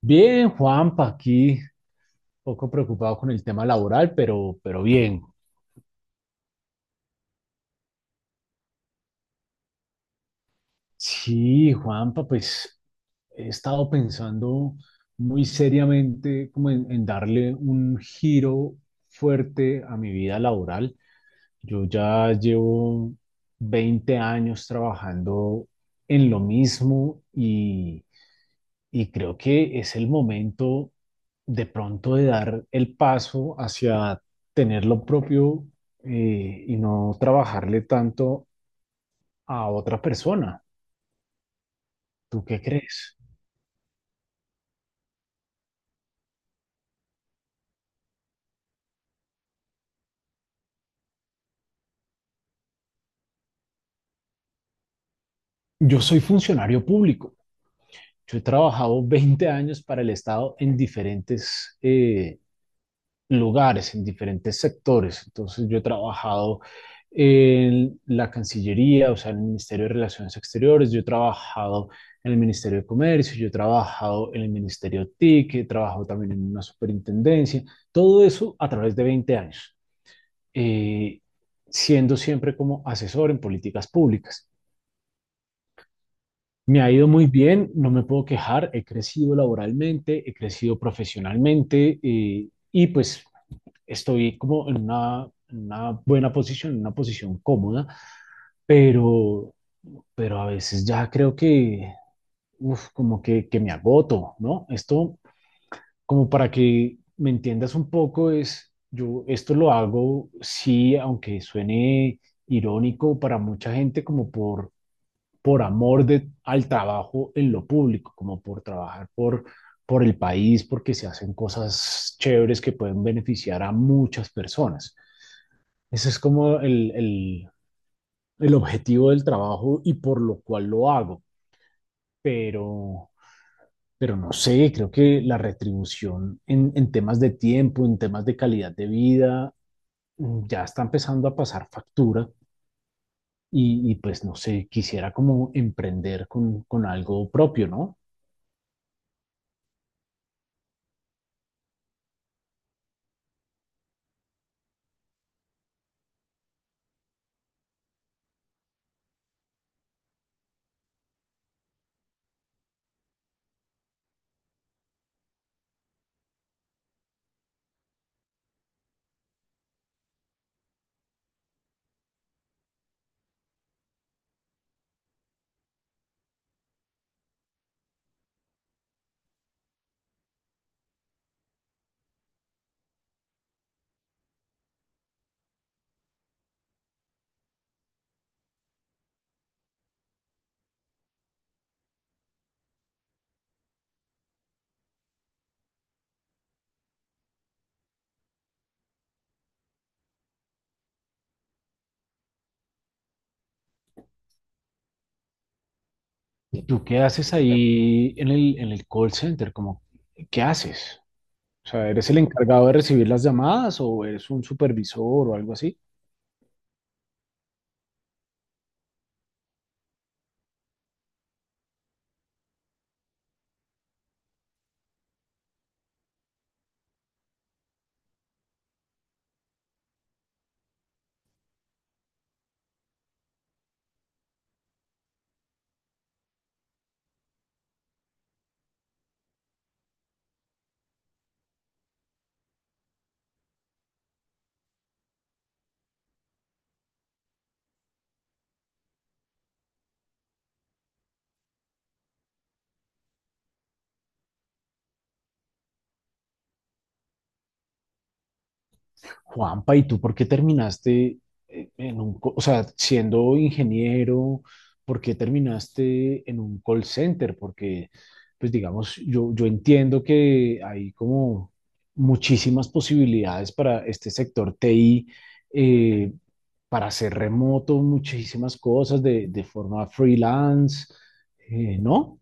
Bien, Juanpa, aquí poco preocupado con el tema laboral, pero bien. Sí, Juanpa, pues he estado pensando muy seriamente como en darle un giro fuerte a mi vida laboral. Yo ya llevo 20 años trabajando en lo mismo y creo que es el momento de pronto de dar el paso hacia tener lo propio, y no trabajarle tanto a otra persona. ¿Tú qué crees? Yo soy funcionario público. Yo he trabajado 20 años para el Estado en diferentes lugares, en diferentes sectores. Entonces yo he trabajado en la Cancillería, o sea, en el Ministerio de Relaciones Exteriores, yo he trabajado en el Ministerio de Comercio, yo he trabajado en el Ministerio TIC, he trabajado también en una superintendencia, todo eso a través de 20 años, eh, siendo siempre como asesor en políticas públicas. Me ha ido muy bien, no me puedo quejar, he crecido laboralmente, he crecido profesionalmente, y pues estoy como en una buena posición, en una posición cómoda, pero, pero a veces ya creo que, como que me agoto, ¿no? Esto, como para que me entiendas un poco, es, yo esto lo hago, sí, aunque suene irónico para mucha gente, como por amor al trabajo en lo público, como por trabajar por el país, porque se hacen cosas chéveres que pueden beneficiar a muchas personas. Ese es como el objetivo del trabajo y por lo cual lo hago, pero, pero no sé, creo que la retribución en temas de tiempo, en temas de calidad de vida, ya está empezando a pasar factura y pues no sé, quisiera como emprender con algo propio, ¿no? ¿Y ¿Tú qué haces ahí en el call center? Como, ¿qué haces? O sea, ¿eres el encargado de recibir las llamadas o eres un supervisor o algo así? Juanpa, ¿y tú por qué terminaste en un, o sea, siendo ingeniero, por qué terminaste en un call center? Porque, pues digamos, yo entiendo que hay como muchísimas posibilidades para este sector TI, eh, para hacer remoto, muchísimas cosas de forma freelance, ¿no?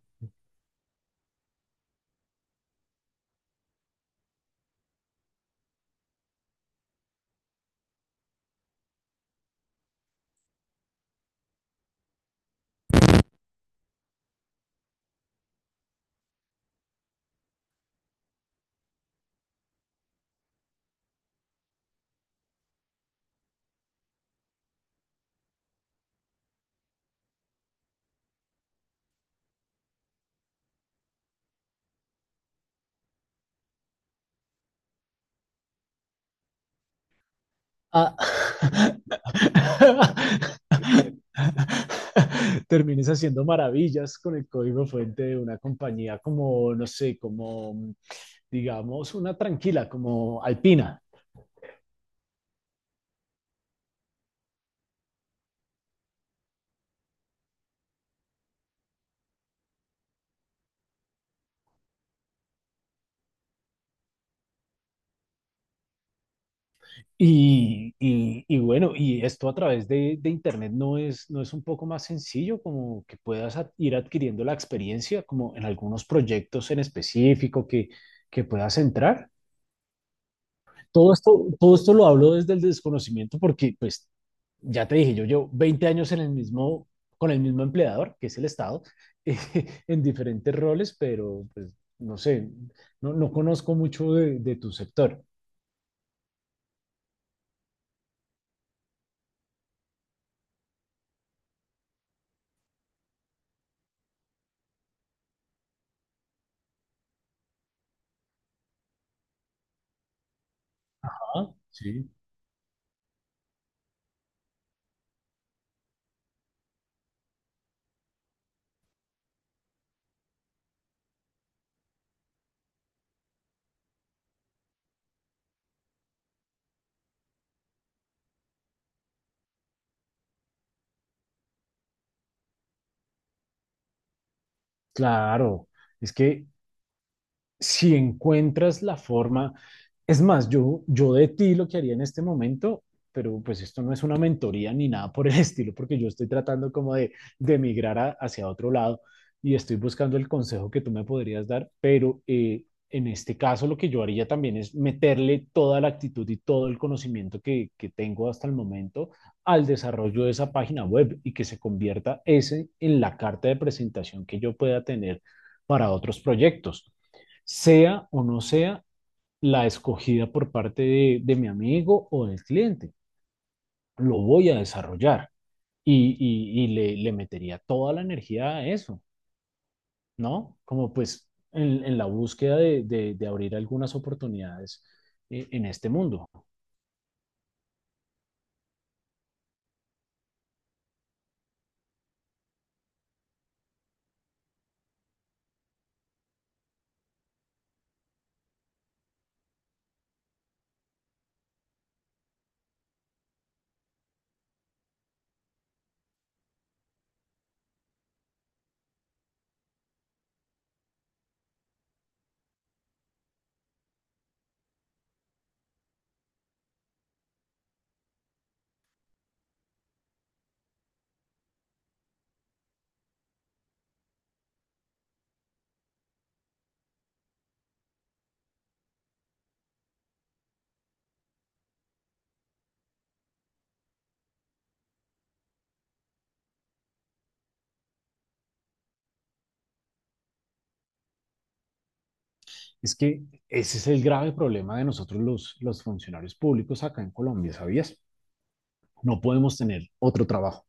Ah. Termines haciendo maravillas con el código fuente de una compañía como, no sé, como, digamos, una tranquila, como Alpina. Y bueno, y esto a través de Internet no es, no es un poco más sencillo, como que puedas ir adquiriendo la experiencia, como en algunos proyectos en específico que puedas entrar. Todo esto lo hablo desde el desconocimiento porque pues ya te dije, yo llevo 20 años en el mismo, con el mismo empleador, que es el Estado, en diferentes roles, pero pues no sé, no, no conozco mucho de tu sector. Ah, sí, claro. Es que si encuentras la forma, es más, yo de ti lo que haría en este momento, pero pues esto no es una mentoría ni nada por el estilo, porque yo estoy tratando como de emigrar hacia otro lado y estoy buscando el consejo que tú me podrías dar, pero en este caso lo que yo haría también es meterle toda la actitud y todo el conocimiento que tengo hasta el momento al desarrollo de esa página web y que se convierta ese en la carta de presentación que yo pueda tener para otros proyectos sea o no sea la escogida por parte de mi amigo o del cliente. Lo voy a desarrollar y le metería toda la energía a eso, ¿no? Como pues en la búsqueda de, de abrir algunas oportunidades, en este mundo. Es que ese es el grave problema de nosotros los funcionarios públicos acá en Colombia, ¿sabías? No podemos tener otro trabajo.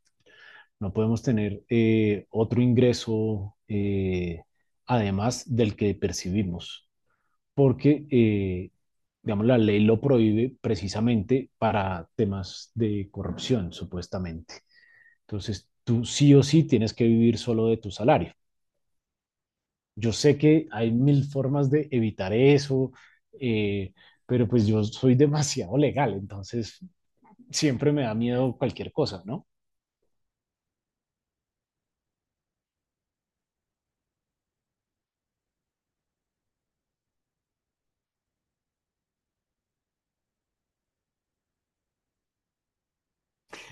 No podemos tener otro ingreso, además del que percibimos, porque, digamos, la ley lo prohíbe precisamente para temas de corrupción, supuestamente. Entonces, tú sí o sí tienes que vivir solo de tu salario. Yo sé que hay mil formas de evitar eso, eh, pero pues yo soy demasiado legal, entonces siempre me da miedo cualquier cosa, ¿no?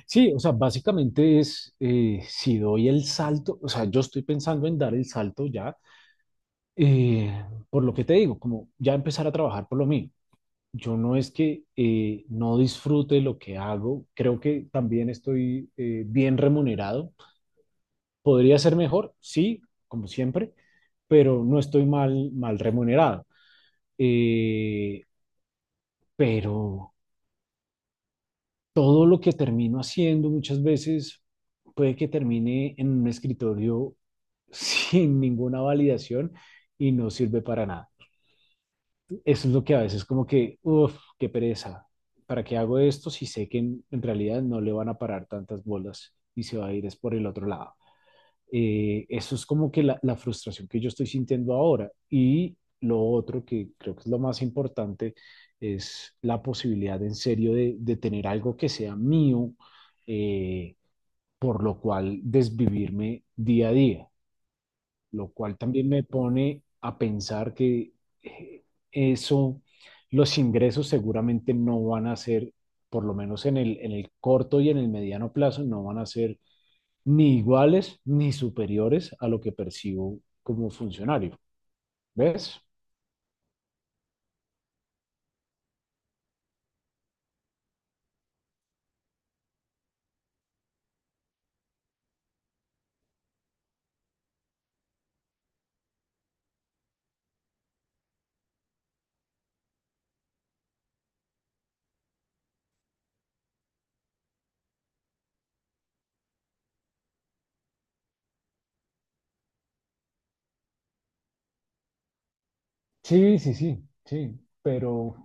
Sí, o sea, básicamente es, si doy el salto, o sea, yo estoy pensando en dar el salto ya, por lo que te digo, como ya empezar a trabajar por lo mío. Yo no es que no disfrute lo que hago, creo que también estoy bien remunerado. Podría ser mejor, sí, como siempre, pero no estoy mal remunerado. Eh, pero todo lo que termino haciendo muchas veces puede que termine en un escritorio sin ninguna validación y no sirve para nada. Eso es lo que a veces como que, uff, qué pereza. ¿Para qué hago esto si sé que en realidad no le van a parar tantas bolas y se va a ir es por el otro lado? Eso es como que la frustración que yo estoy sintiendo ahora. Y lo otro que creo que es lo más importante es la posibilidad en serio de tener algo que sea mío, eh, por lo cual desvivirme día a día, lo cual también me pone a pensar que eh, eso, los ingresos seguramente no van a ser, por lo menos en el corto y en el mediano plazo, no van a ser ni iguales ni superiores a lo que percibo como funcionario. ¿Ves? Sí, sí, sí, sí, pero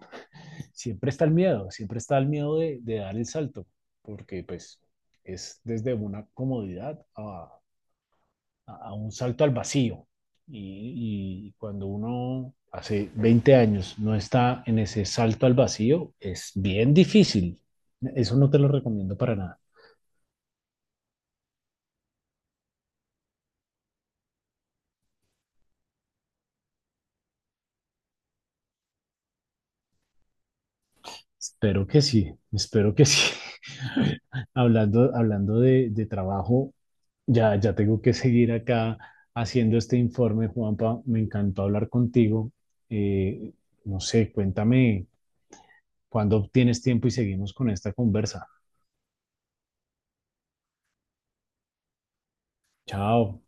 siempre está el miedo, siempre está el miedo de dar el salto, porque pues es desde una comodidad a un salto al vacío. Y cuando uno hace 20 años no está en ese salto al vacío, es bien difícil. Eso no te lo recomiendo para nada. Espero que sí, espero que sí. Hablando de trabajo, ya tengo que seguir acá haciendo este informe, Juanpa. Me encantó hablar contigo. Eh, no sé, cuéntame cuándo tienes tiempo y seguimos con esta conversa. Chao.